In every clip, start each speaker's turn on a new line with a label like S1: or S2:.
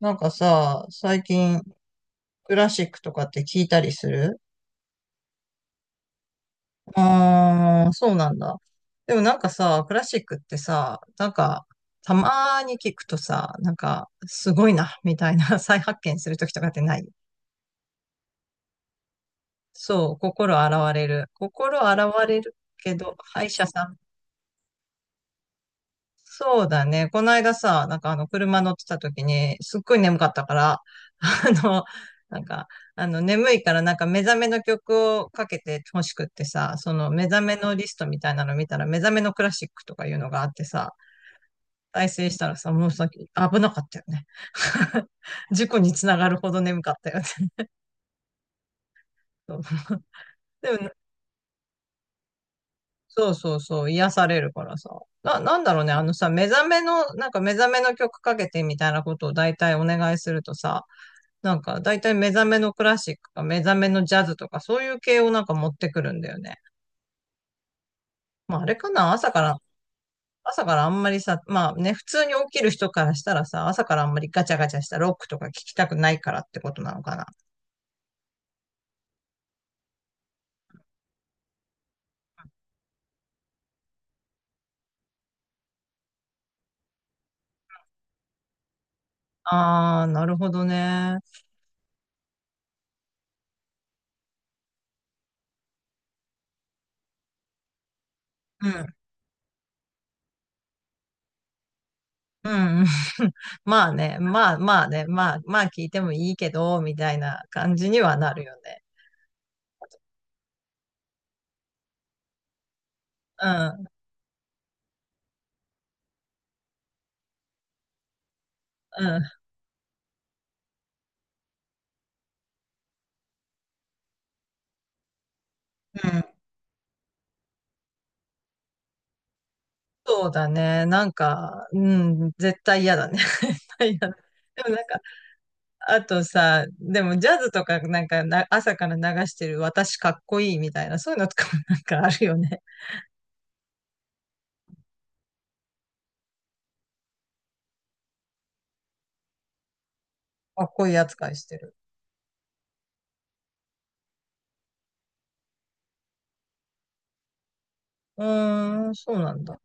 S1: なんかさ、最近クラシックとかって聞いたりする？ああー、そうなんだ。でもなんかさ、クラシックってさ、なんか、たまーに聞くとさ、なんか、すごいな、みたいな 再発見するときとかってない？そう、心洗われる。心洗われるけど、歯医者さん。そうだね。この間さ、なんかあの、車乗ってた時に、すっごい眠かったから、あの、なんか、あの、眠いからなんか目覚めの曲をかけて欲しくってさ、その目覚めのリストみたいなの見たら、目覚めのクラシックとかいうのがあってさ、再生したらさ、もうさ、危なかったよね。事故につながるほど眠かったよね。そう。でもね、そうそうそう、癒されるからさ。なんだろうね、あのさ、目覚めの、なんか目覚めの曲かけてみたいなことを大体お願いするとさ、なんか、だいたい目覚めのクラシックか目覚めのジャズとか、そういう系をなんか持ってくるんだよね。まあ、あれかな、朝から、朝からあんまりさ、まあね、普通に起きる人からしたらさ、朝からあんまりガチャガチャしたロックとか聞きたくないからってことなのかな。あー、なるほどね。うん、うん、うん。まあね、まあまあね、まあ、まあ聞いてもいいけど、みたいな感じにはなるよね。うん、うん、うん。そうだね。なんか、うん、絶対嫌だね。絶対嫌だ。でもなんか、あとさ、でもジャズとかなんかな朝から流してる私かっこいいみたいな、そういうのとかもなんかあるよね。かっこいい扱いしてる。うーん、そうなんだ。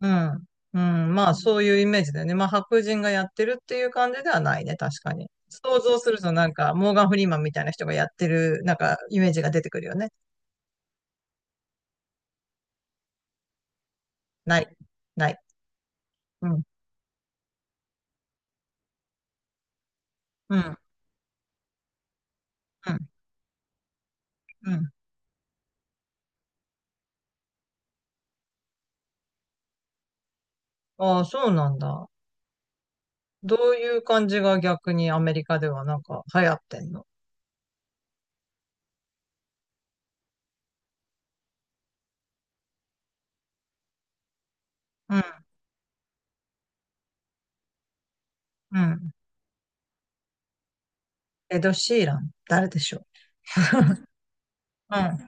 S1: うん。うん、まあそういうイメージだよね。まあ白人がやってるっていう感じではないね、確かに。想像するとなんかモーガン・フリーマンみたいな人がやってるなんかイメージが出てくるよね。ない。ない。うん。うん。うん。うん。ああ、そうなんだ。どういう感じが逆にアメリカではなんか流行ってんの？うん。エド・シーラン、誰でしょう。うん。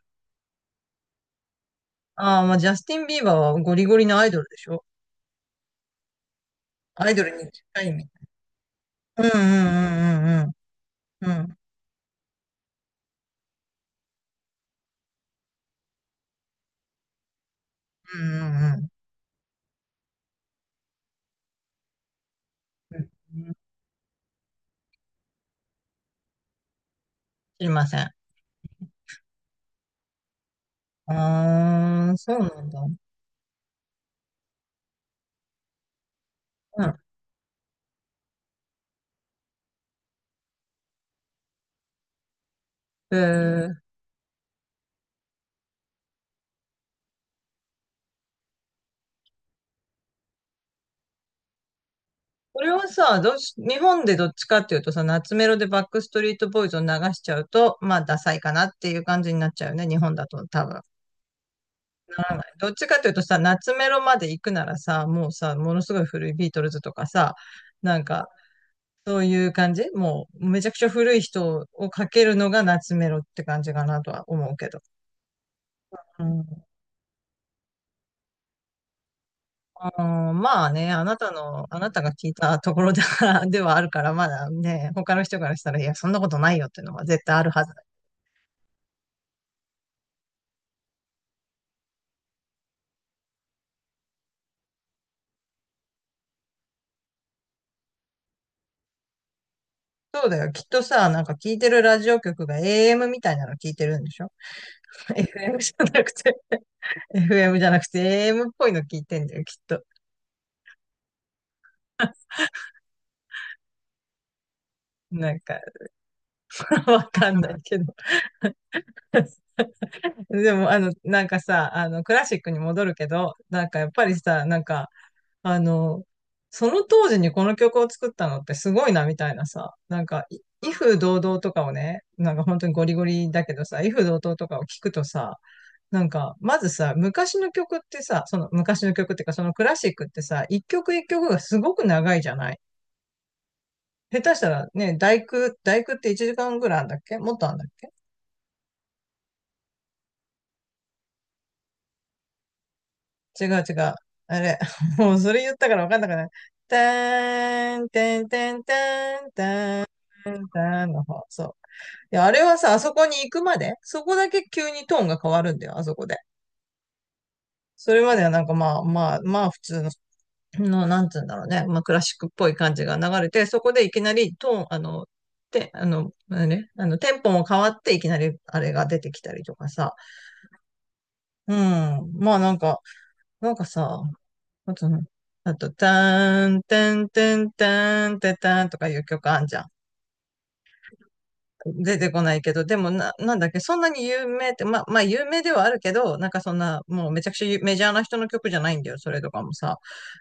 S1: ああ、まあ、ジャスティン・ビーバーはゴリゴリのアイドルでしょ。アイドルに近いみたい。うんうんうんうんうん。うんうんうんうん。うん。知りません。ああ、そうなんだ。うん。えー、これはさ、どうし、日本でどっちかっていうとさ、夏メロでバックストリートボーイズを流しちゃうと、まあ、ダサいかなっていう感じになっちゃうよね、日本だと多分。わからない。どっちかっていうとさ、夏メロまで行くならさ、もうさ、ものすごい古いビートルズとかさ、なんか、そういう感じもう、めちゃくちゃ古い人をかけるのが夏メロって感じかなとは思うけど。うん、あーまあね、あなたの、あなたが聞いたところでは、ではあるから、まだね、他の人からしたら、いや、そんなことないよっていうのは絶対あるはずだ。そうだよ。きっとさ、なんか聞いてるラジオ局が AM みたいなの聞いてるんでしょ ?FM じゃなくて、FM じゃなくて AM っぽいの聞いてんだよ、きっと。なんか、わかんないけど。でも、あの、なんかさ、あの、クラシックに戻るけど、なんかやっぱりさ、なんか、あの、その当時にこの曲を作ったのってすごいな、みたいなさ、なんか、威風堂々とかをね、なんか本当にゴリゴリだけどさ、威風堂々とかを聞くとさ、なんか、まずさ、昔の曲ってさ、その昔の曲っていうか、そのクラシックってさ、一曲一曲がすごく長いじゃない？下手したらね、第九、第九って1時間ぐらいあんだっけ？もっとあんだっけ？違う違う。あれ、もうそれ言ったから分かんなくない？たーん、てんてんたん、たん、たんの方。そう。いや、あれはさ、あそこに行くまで、そこだけ急にトーンが変わるんだよ、あそこで。それまではなんかまあまあまあ普通の、のなんつうんだろうね、まあクラシックっぽい感じが流れて、そこでいきなりトーン、あの、て、あの、あれ、あの、テンポも変わっていきなりあれが出てきたりとかさ。うん。まあなんか、なんかさ、あとね、あと、ターン、テン、テン、テン、テタンとかいう曲あんじゃん。出てこないけど、でもな、なんだっけ、そんなに有名って、まあ、まあ、有名ではあるけど、なんかそんな、もうめちゃくちゃメジャーな人の曲じゃないんだよ、それとかもさ。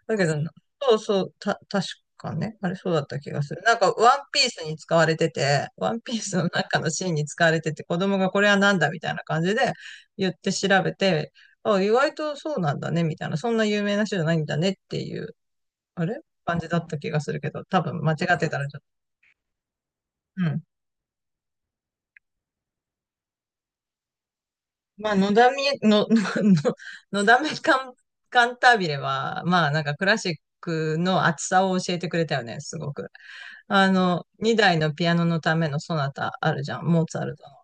S1: だけど、そうそう、確かね、あれそうだった気がする。なんか、ワンピースに使われてて、ワンピースの中のシーンに使われてて、子供がこれはなんだみたいな感じで言って調べて、あ、意外とそうなんだね、みたいな、そんな有名な人じゃないんだねっていうあれ感じだった気がするけど、多分間違ってたらちょっと。うん。まあ、のだめ、ののだめカン、カンタービレは、まあ、なんかクラシックの厚さを教えてくれたよね、すごく。あの、2台のピアノのためのソナタあるじゃん、モーツァルトの。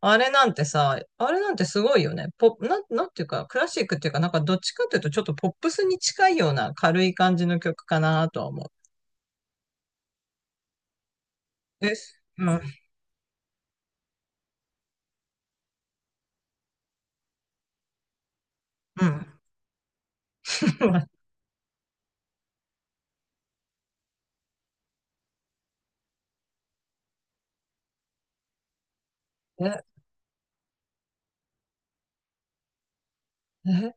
S1: あれなんてさ、あれなんてすごいよね。ポ、なん、なんていうか、クラシックっていうか、なんかどっちかっていうとちょっとポップスに近いような軽い感じの曲かなとは思う。です。うん、うん。え、え、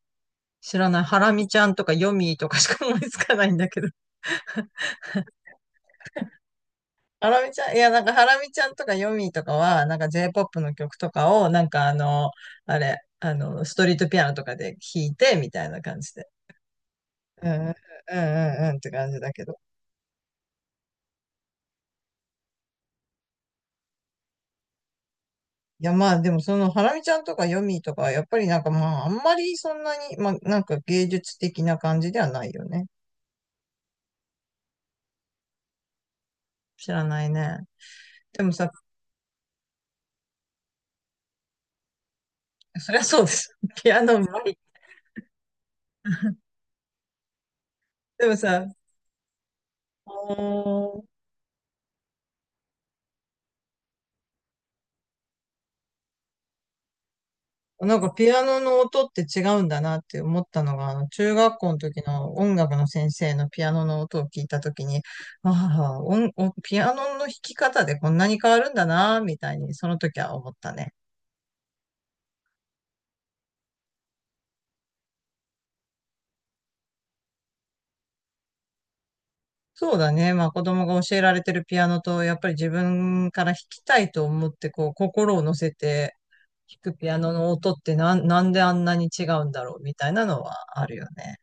S1: 知らない。ハラミちゃんとかヨミーとかしか思いつかないんだけど。ハラミちゃん、いや、なんか、ハラミちゃんとかヨミーとかは、なんか J-POP の曲とかを、なんかあの、あれ、あの、ストリートピアノとかで弾いて、みたいな感じで。うん、うん、うん、うんうんって感じだけど。いや、まあ、でもその、ハラミちゃんとかヨミーとかは、やっぱりなんかまあ、あんまりそんなに、まあ、なんか芸術的な感じではないよね。知らないね。でもさ、そりゃそうです。ピアノうまい。でもさ、あー、なんかピアノの音って違うんだなって思ったのが、あの中学校の時の音楽の先生のピアノの音を聞いた時に、ああ、音ピアノの弾き方でこんなに変わるんだな、みたいにその時は思ったね。そうだね。まあ子供が教えられてるピアノと、やっぱり自分から弾きたいと思って、こう心を乗せて弾くピアノの音ってなんであんなに違うんだろうみたいなのはあるよね。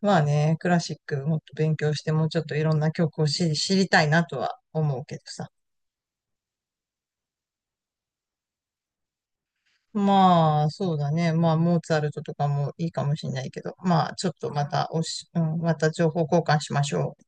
S1: まあね、クラシックもっと勉強して、もうちょっといろんな曲を知りたいなとは思うけどさ。まあ、そうだね。まあ、モーツァルトとかもいいかもしれないけど、まあ、ちょっとまたおし、うん、また情報交換しましょう。